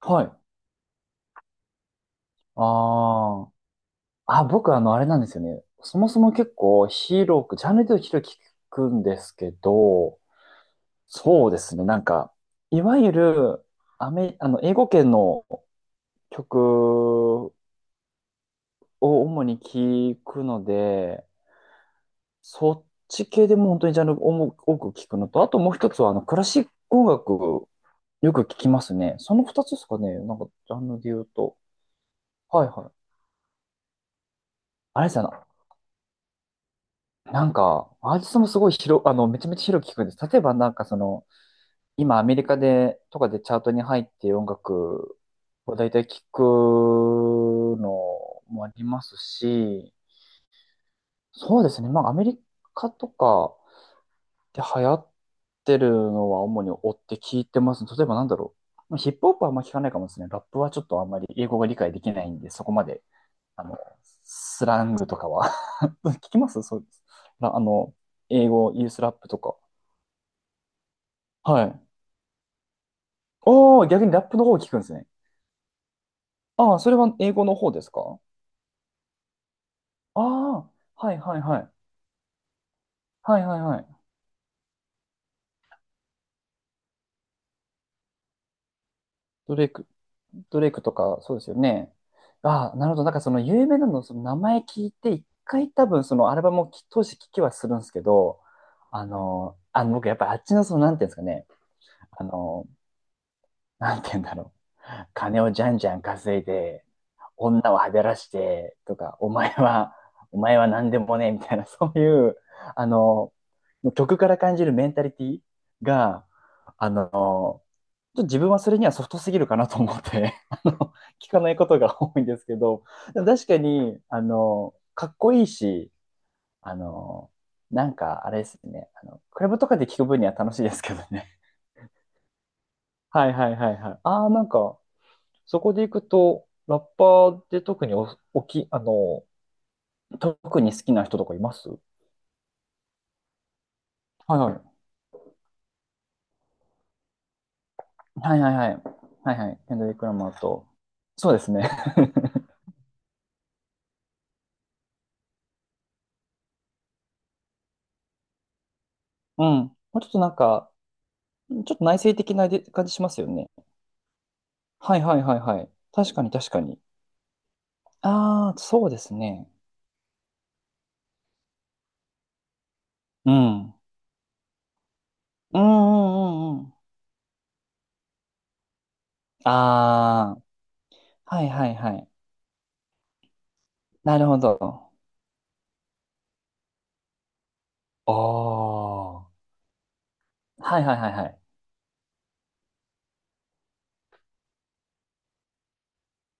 はい。ああ。あ、僕あれなんですよね。そもそも結構広く、ジャンルで言うと広く聞くんですけど、そうですね。なんか、いわゆる、アメ、あの、英語圏の曲を主に聞くので、そっち系でも本当にジャンルを多く多く聞くのと、あともう一つは、クラシック音楽、よく聞きますね。その二つですかね。なんか、ジャンルで言うと。はいはい。あれですよね。なんか、アーティストもすごい広、あの、めちゃめちゃ広く聞くんです。例えばなんかその、今アメリカで、とかでチャートに入ってる音楽を大体聞くのもありますし、そうですね。まあアメリカとかで流行ってるのは主に追って聞いてます。例えばなんだろう。ヒップホップはあんま聞かないかもですね。ラップはちょっとあんまり英語が理解できないんで、そこまで、あの、スラングとかは 聞きますそうです。あの、英語、ユースラップとか。はい。おー、逆にラップの方を聞くんですね。ああ、それは英語の方ですか？ああはいはいはい。はいはいはい。ドレイク、ドレイクとか、そうですよね。ああ、なるほど。なんかその有名なの、その名前聞いて、一回多分そのアルバムを当時聞きはするんですけど、僕やっぱあっちのその、なんていうんですかね。あの、なんていうんだろう。金をじゃんじゃん稼いで、女をはべらしてとか、お前は何でもね、みたいな、そういう、あの、曲から感じるメンタリティが、あの、ちょっと自分はそれにはソフトすぎるかなと思って 聞かないことが多いんですけど、でも確かに、かっこいいし、あの、なんか、あれですね、クラブとかで聞く分には楽しいですけどね。はいはいはいはい。ああ、なんか、そこで行くと、ラッパーで特にお、おき、あの、特に好きな人とかいますはいはい。はいはいはい。はいはい。ケンドリック・ラマーと。そうですね。うん。もうちょっとなんか、ちょっと内省的なで感じしますよね。はいはいはいはい。確かに確かに。ああ、そうですね。うん。うんうんうんうん。ああ、はいはいはい。なるほど。ああ、はいはいはいはい。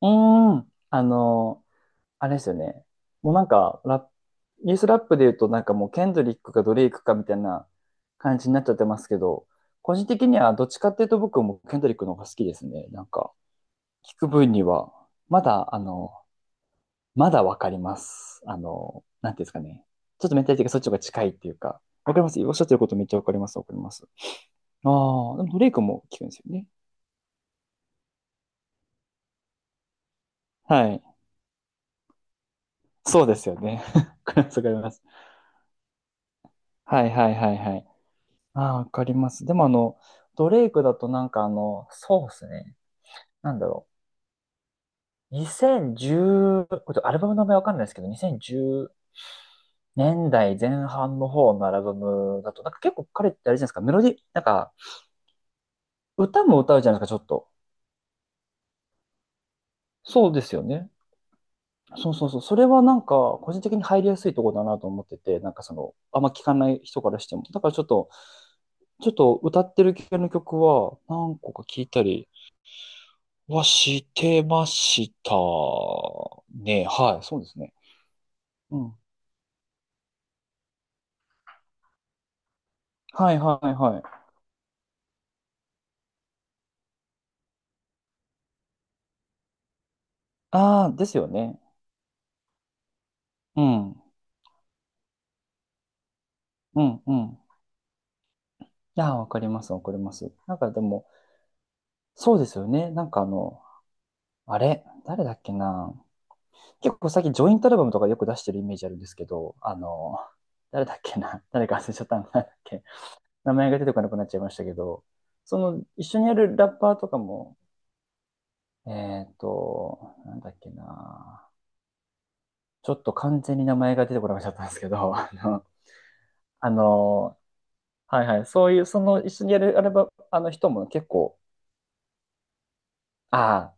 うーん。あれですよね。もうなんか、ラップ、イエスラップで言うとなんかもうケンドリックかドレイクかみたいな感じになっちゃってますけど、個人的にはどっちかっていうと僕もケンドリックの方が好きですね。なんか、聞く分には、まだ、まだわかります。なんていうんですかね。ちょっとメンタリティがそっちの方が近いっていうか、わかりますおっしゃってることめっちゃわかります。わかります。ああ、でもドレイクも聞くんですよね。はい。そうですよね。わかります。わかります。はいはいはいはい。ああ、わかります。でもドレイクだとなんかそうですね。なんだろう。2010、これアルバムの名前わかんないですけど、2010年代前半の方のアルバムだと、なんか結構彼ってあれじゃないですか、メロディ、なんか歌も歌うじゃないですか、ちょっと。そうですよね。そうそうそう。それはなんか、個人的に入りやすいところだなと思ってて、なんかその、あんま聞かない人からしても。だからちょっと歌ってる系の曲は何個か聞いたりはしてましたね。はい、そうですね。うん。はいはいはい。ああ、ですよね。うん。うんうん。いやー、わかります、わかります。なんかでも、そうですよね。なんかあれ、誰だっけな。結構最近ジョイントアルバムとかよく出してるイメージあるんですけど、誰だっけな。誰か忘れちゃったんだっけ。名前が出てこなくなっちゃいましたけど、その、一緒にやるラッパーとかも、なんだっけな。ちょっと完全に名前が出てこなくなっちゃったんですけど、あのはいはい、そういう、その一緒にやる、あれば、あの人も結構、ああ、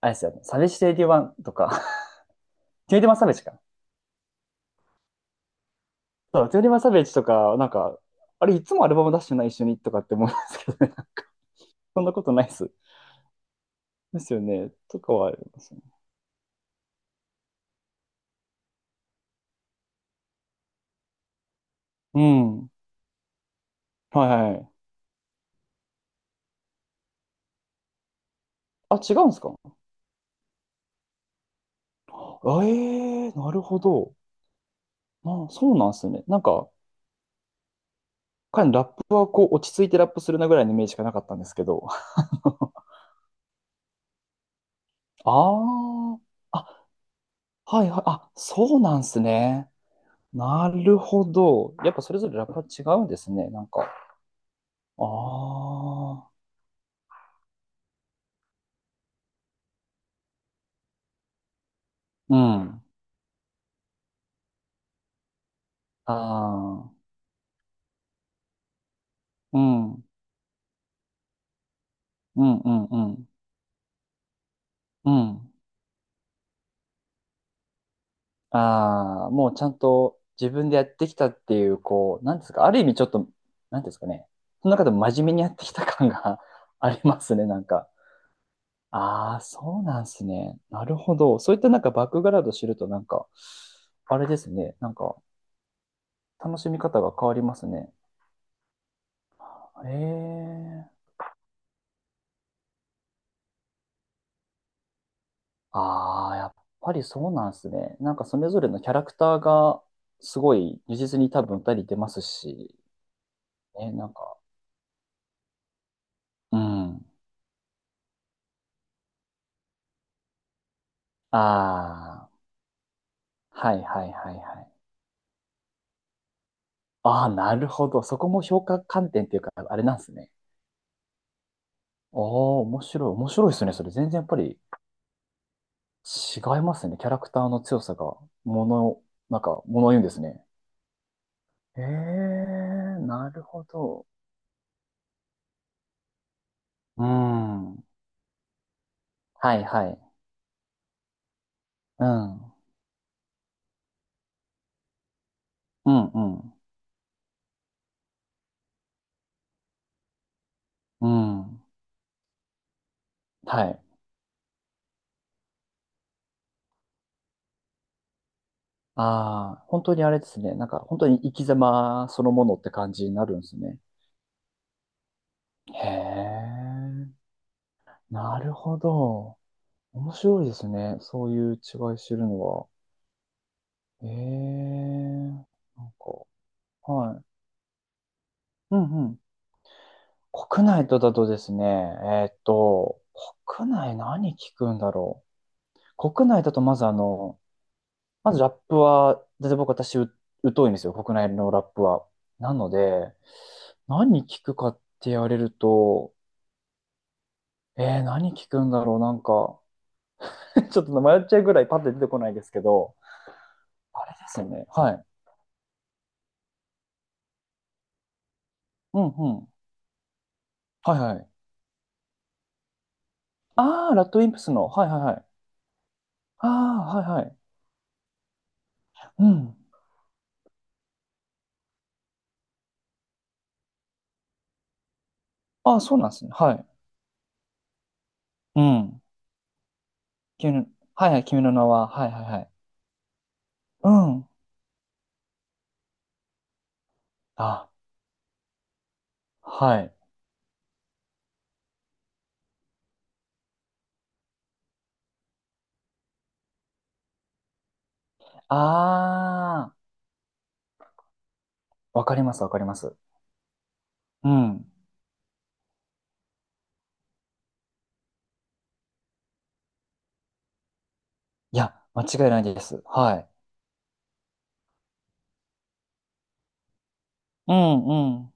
あれですよね、サベジワンとか、2マサベジか。そう、2マサベジとか、なんか、あれ、いつもアルバム出してない一緒にとかって思うんですけどね。そんなことないです。ですよね。とかはありますね。うん。はいはい。あ、違うんですか？あええー、なるほど。まあ、そうなんですね。なんか、彼のラップはこう、落ち着いてラップするなぐらいのイメージしかなかったんですけど。ああ、あ、はいはい、あ、そうなんすね。なるほど。やっぱそれぞれラップは違うんですね、なんか。ああ、うん。ああ、うん、うん、うん、うん、うん。ああ、もうちゃんと自分でやってきたっていう、こう、なんですか、ある意味ちょっと、なんですかね、その中でも真面目にやってきた感が ありますね、なんか。ああ、そうなんすね。なるほど。そういったなんかバックグラウンド知ると、なんか、あれですね。なんか、楽しみ方が変わりますね。へえ。ああ、やっぱりそうなんですね。なんかそれぞれのキャラクターがすごい如実に多分たり出ますし、ね、なんか、うん。ああ、はいはいはいはい。ああ、なるほど。そこも評価観点っていうか、あれなんですね。ああ、面白い、面白いですね。それ全然やっぱり違いますね。キャラクターの強さが、もの、なんか、ものを言うんですね。へえ、なるほど。うん。はいはい。うん。うんうん。うん。はい。ああ、本当にあれですね。なんか本当に生き様そのものって感じになるんですね。へえ。なるほど。面白いですね。そういう違い知るのは。へえ。なんか、はい。うんうん。国内とだとですね、国内何聞くんだろう。国内だとまずまずラップは、だって私疎いんですよ、国内のラップは。なので、何聞くかって言われると、何聞くんだろう、なんか、ちょっと迷っちゃうぐらいパッて出てこないですけど、あれですよね。はい。うんうん。はいはい。ああ、ラッドウィンプスの。はいはいはい。ああ、はいはい。うん。ああ、そうなんですね。はい。うん。君の、はいはい、君の名は。はいはいはい。うん。あ、はい。ああ、わかりますわかります。うん。いや、間違いないです。はい。うんうん。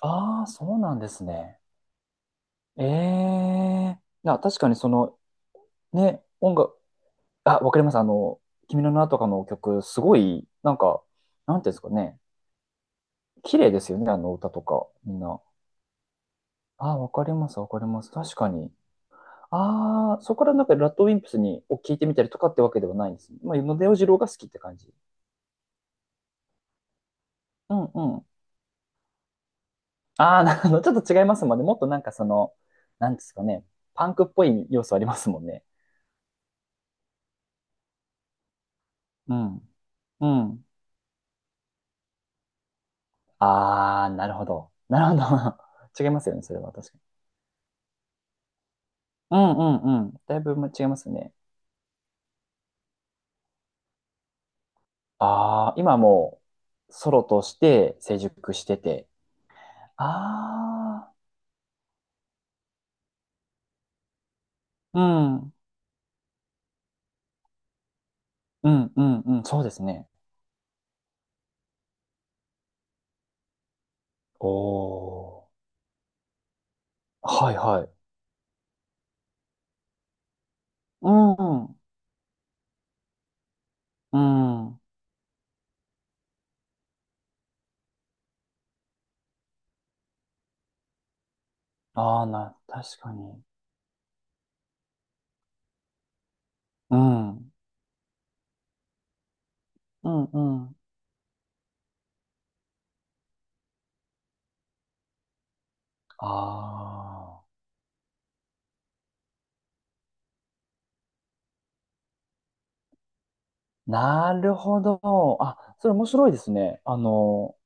ああ、そうなんですね。ええな、確かにその、ね、音楽、あ、わかります。君の名とかの曲、すごい、なんか、なんていうんですかね。綺麗ですよね、あの歌とか、みんな。あーわかります、わかります。確かに。ああ、そこからなんか、ラッドウィンプスを聞いてみたりとかってわけではないんですね。まあ、野出洋次郎が好きって感じ。うんうん。ああ、なるほど。ちょっと違いますもんね。もっとなんかその、なんですかね。パンクっぽい要素ありますもんね。うん。うん。ああ、なるほど。なるほど。違いますよね。それは確かに。うんうんうん。だいぶ違いますね。ああ、今もうソロとして成熟してて。ああ、うん。うんうんうん。そうですね。おー。はいはい。うん。うん。ああ、確かに。うん。うんうん。ああ、なるほど。あ、それ面白いですね。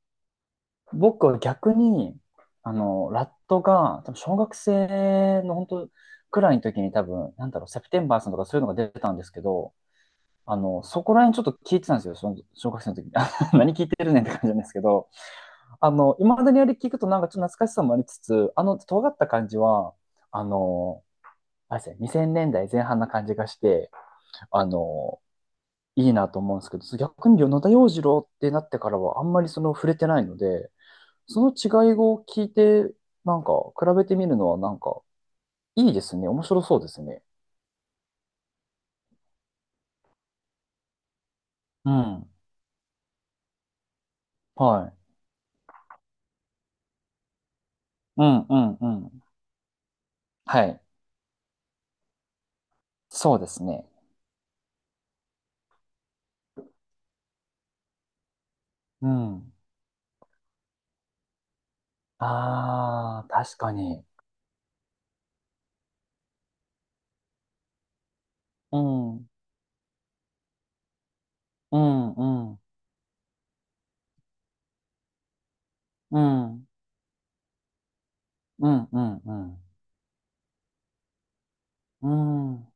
僕は逆に、ラットが、多分小学生の本当くらいの時に多分、なんだろう、セプテンバーさんとかそういうのが出たんですけど、そこら辺ちょっと聞いてたんですよ、その小学生の時に。あ何聞いてるねんって感じなんですけど、今までにあれ聞くとなんかちょっと懐かしさもありつつ、尖った感じは、あの、あれですね、2000年代前半な感じがして、あの、いいなと思うんですけど、逆に野田洋次郎ってなってからはあんまりその触れてないので、その違いを聞いて、なんか比べてみるのはなんかいいですね。面白そうですね。うん。はい。うんうんうん。はい。そうですね。うん。ああ、確かに。うん。うんうん。うん。うんうんうん。うん。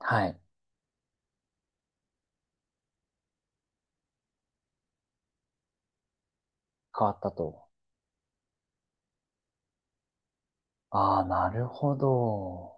はい。変わったと。ああ、なるほど。